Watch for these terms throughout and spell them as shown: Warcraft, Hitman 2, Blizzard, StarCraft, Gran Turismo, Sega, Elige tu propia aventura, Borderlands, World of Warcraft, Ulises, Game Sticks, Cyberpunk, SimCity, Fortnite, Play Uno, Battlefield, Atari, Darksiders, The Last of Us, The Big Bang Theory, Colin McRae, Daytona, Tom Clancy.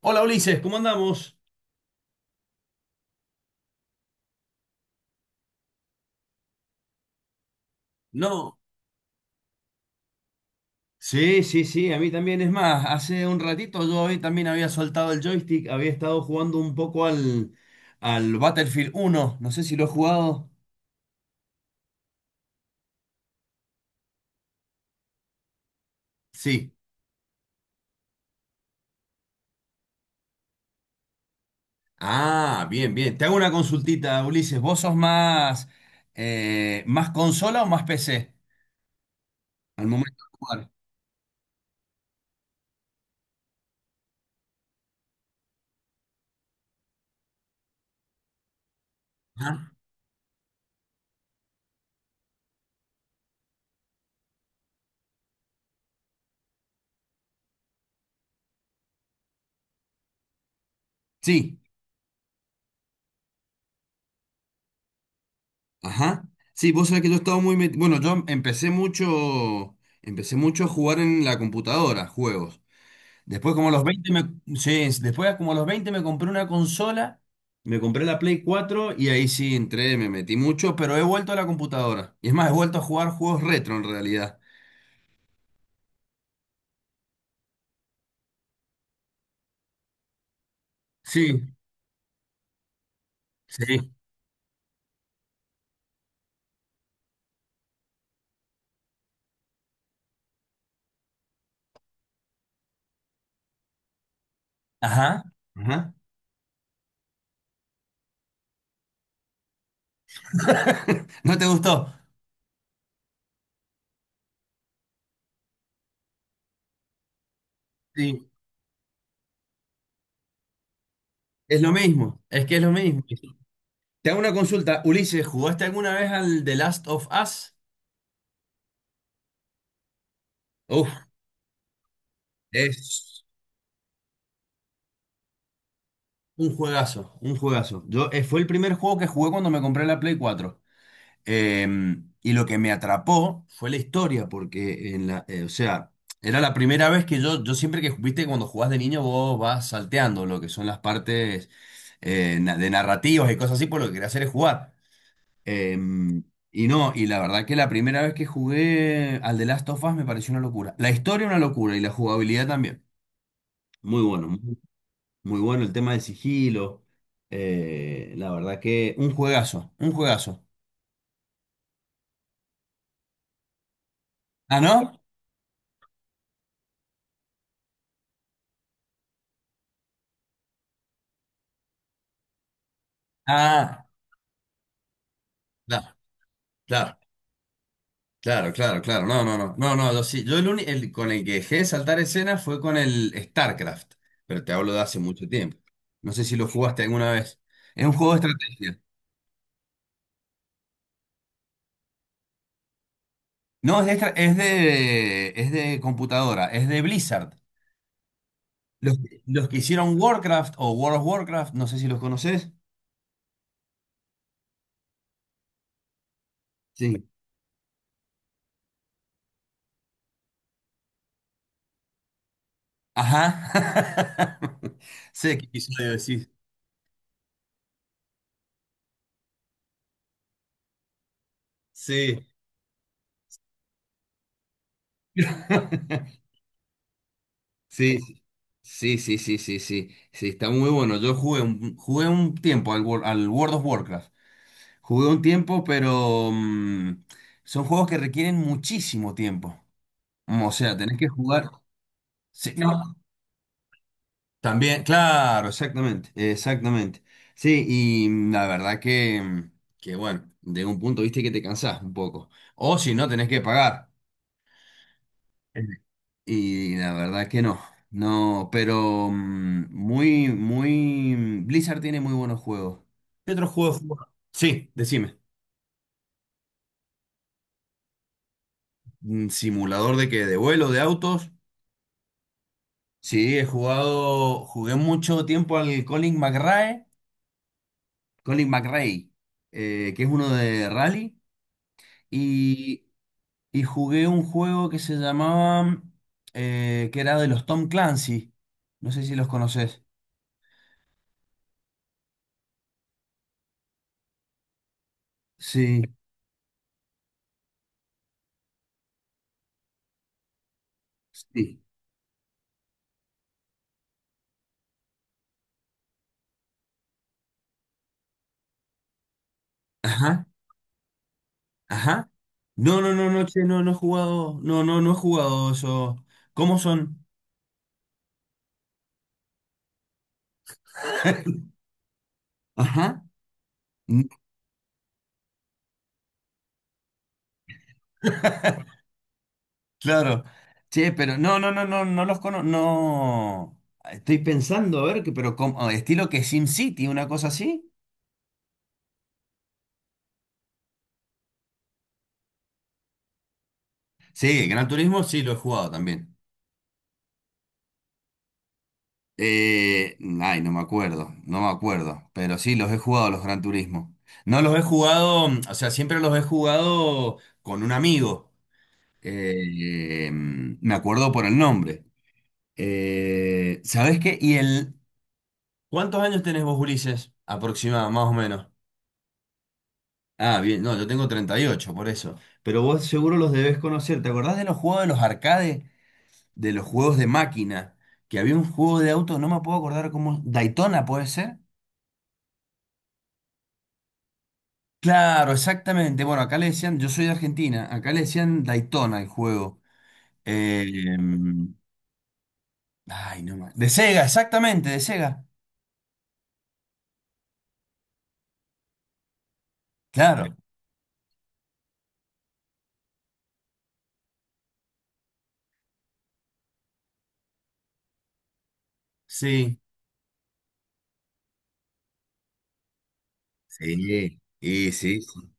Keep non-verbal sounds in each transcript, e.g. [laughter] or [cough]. Hola Ulises, ¿cómo andamos? No, sí, sí, sí, a mí también. Es más, hace un ratito yo hoy también había soltado el joystick, había estado jugando un poco al Battlefield uno. No sé si lo he jugado. Sí. Ah, bien, bien. Te hago una consultita, Ulises. ¿Vos sos más, más consola o más PC al momento de jugar? Ajá. Sí, ajá. Sí, vos sabés que yo estaba muy metido. Bueno, empecé mucho a jugar en la computadora, juegos. Después como a los 20 me, sí, después como a los 20 me compré una consola, me compré la Play 4 y ahí sí entré, me metí mucho, pero he vuelto a la computadora. Y es más, he vuelto a jugar juegos retro en realidad. Sí, sí. Ajá. Ajá. [laughs] ¿No te gustó? Sí. Es lo mismo, es que es lo mismo. Te hago una consulta, Ulises, ¿jugaste alguna vez al The Last of Us? Uf, es un juegazo, un juegazo. Fue el primer juego que jugué cuando me compré la Play cuatro. Y lo que me atrapó fue la historia, porque, o sea, era la primera vez que yo siempre que, viste, cuando jugás de niño vos vas salteando lo que son las partes de narrativas y cosas así, por lo que quería hacer es jugar. Em, y no, y la verdad que la primera vez que jugué al The Last of Us me pareció una locura. La historia una locura y la jugabilidad también. Muy bueno, muy, muy bueno el tema del sigilo. La verdad que un juegazo, un juegazo. ¿Ah, no? Ah. Da. Claro, claro, claro, claro. No, no, no. No, no, yo sí. El con el que dejé de saltar escenas fue con el StarCraft, pero te hablo de hace mucho tiempo. No sé si lo jugaste alguna vez. Es un juego de estrategia. No, es de computadora, es de Blizzard. Los, los que hicieron Warcraft o World of Warcraft, no sé si los conoces. Sí. Ajá. [laughs] Sé qué episodio decís. Sí. [laughs] Sí. Sí, sí, sí, sí, sí, sí, está muy bueno. Jugué un tiempo al, al World of Warcraft. Jugué un tiempo, pero son juegos que requieren muchísimo tiempo. O sea, tenés que jugar. Sí, no, también, claro, exactamente, exactamente. La verdad que bueno, de un punto viste que te cansás un poco. O si no, tenés que pagar. Y la verdad que no, no, pero muy, muy... Blizzard tiene muy buenos juegos. ¿Qué otros juegos has... Sí, decime. ¿Simulador de que ¿De vuelo? ¿De autos? Sí, he jugado, jugué mucho tiempo al Colin McRae, Colin McRae, que es uno de rally, y, y jugué un juego que se llamaba, que era de los Tom Clancy, no sé si los conoces. Sí, sí. Ajá. Ajá. No, no, no, no, che, no, no he jugado. No, no, no he jugado eso. ¿Cómo son? [laughs] Ajá. Mm. Claro. Che, pero no, no, no, no, no los conozco. No. Estoy pensando, a ver, que, pero como, ah, estilo que SimCity, una cosa así. Sí, Gran Turismo sí lo he jugado también. Ay, no me acuerdo, no me acuerdo, pero sí los he jugado los Gran Turismo. No los he jugado, o sea, siempre los he jugado con un amigo. Me acuerdo por el nombre. ¿Sabés qué? Y el... ¿Cuántos años tenés vos, Ulises? Aproximado, más o menos. Ah, bien, no, yo tengo 38, por eso. Pero vos seguro los debés conocer. ¿Te acordás de los juegos de los arcades? De los juegos de máquina. Que había un juego de auto, no me puedo acordar cómo... Daytona, ¿puede ser? Claro, exactamente. Bueno, acá le decían, yo soy de Argentina, acá le decían Daytona el juego. Eh, em, ay, no más. De Sega, exactamente, de Sega. Claro. Sí. Sí, y sí, sí.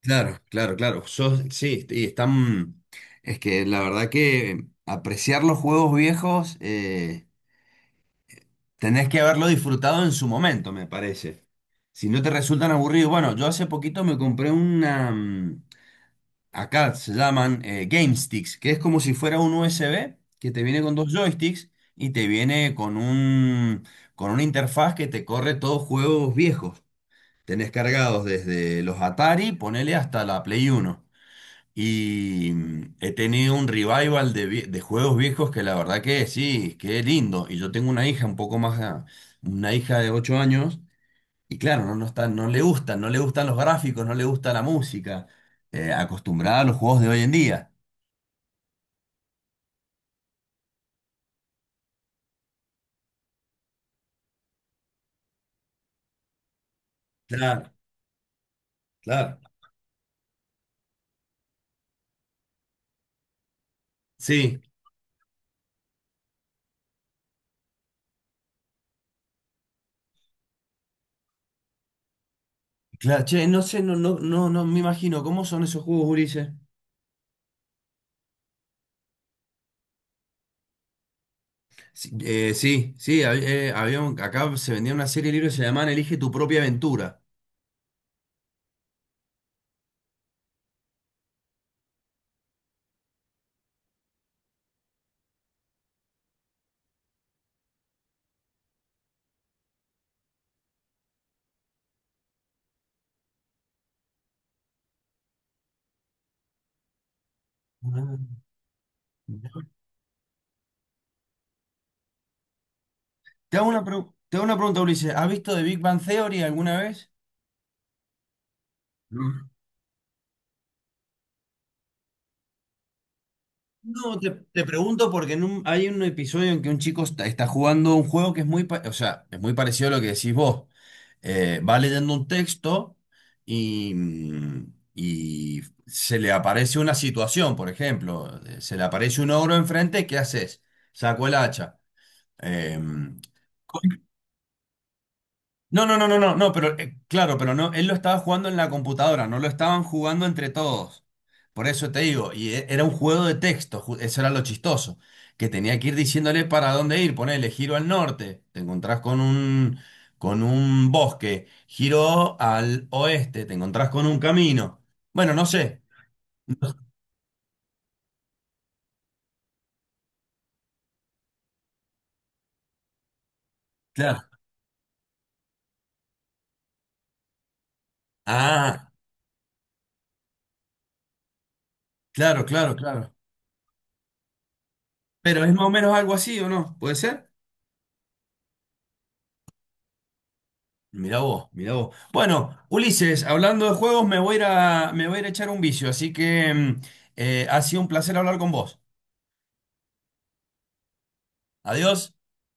Claro, claro, claro. Yo, sí, y están. Es que la verdad que apreciar los juegos viejos, tenés que haberlo disfrutado en su momento, me parece. Si no te resultan aburridos, bueno, yo hace poquito me compré una. Acá se llaman Game Sticks, que es como si fuera un USB que te viene con dos joysticks y te viene con un, con una interfaz que te corre todos juegos viejos. Tenés cargados desde los Atari, ponele hasta la Play Uno. Y he tenido un revival de, de juegos viejos que la verdad que sí, que lindo. Y yo tengo una hija un poco más, ah, una hija de 8 años, y claro, no, no está, no le gustan, no le gustan los gráficos, no le gusta la música, acostumbrada a los juegos de hoy en día. Claro, claro. Sí, claro, che, no sé, no, no, no, no me imagino, ¿cómo son esos juegos, Ulises? Sí, sí, sí, había acá se vendía una serie de libros que se llamaban Elige tu propia aventura. Ah. Te hago una, pregu- te hago una pregunta, Ulises. ¿Has visto The Big Bang Theory alguna vez? No. No, te pregunto porque en hay un episodio en que un chico está, está jugando un juego que es o sea, es muy parecido a lo que decís vos. Va leyendo un texto y y se le aparece una situación, por ejemplo, se le aparece un ogro enfrente, ¿qué haces? Saco el hacha. Eh, No, no, no, no, no, no, pero claro, pero no, él lo estaba jugando en la computadora, no lo estaban jugando entre todos. Por eso te digo, y era un juego de texto, eso era lo chistoso, que tenía que ir diciéndole para dónde ir, ponele, giro al norte, te encontrás con un bosque, giro al oeste, te encontrás con un camino. Bueno, no sé, claro. Ah, claro, claro, claro. Pero es más o menos algo así, ¿o no? ¿Puede ser? Mirá vos, mirá vos. Bueno, Ulises, hablando de juegos, me voy a ir a echar un vicio, así que ha sido un placer hablar con vos. Adiós.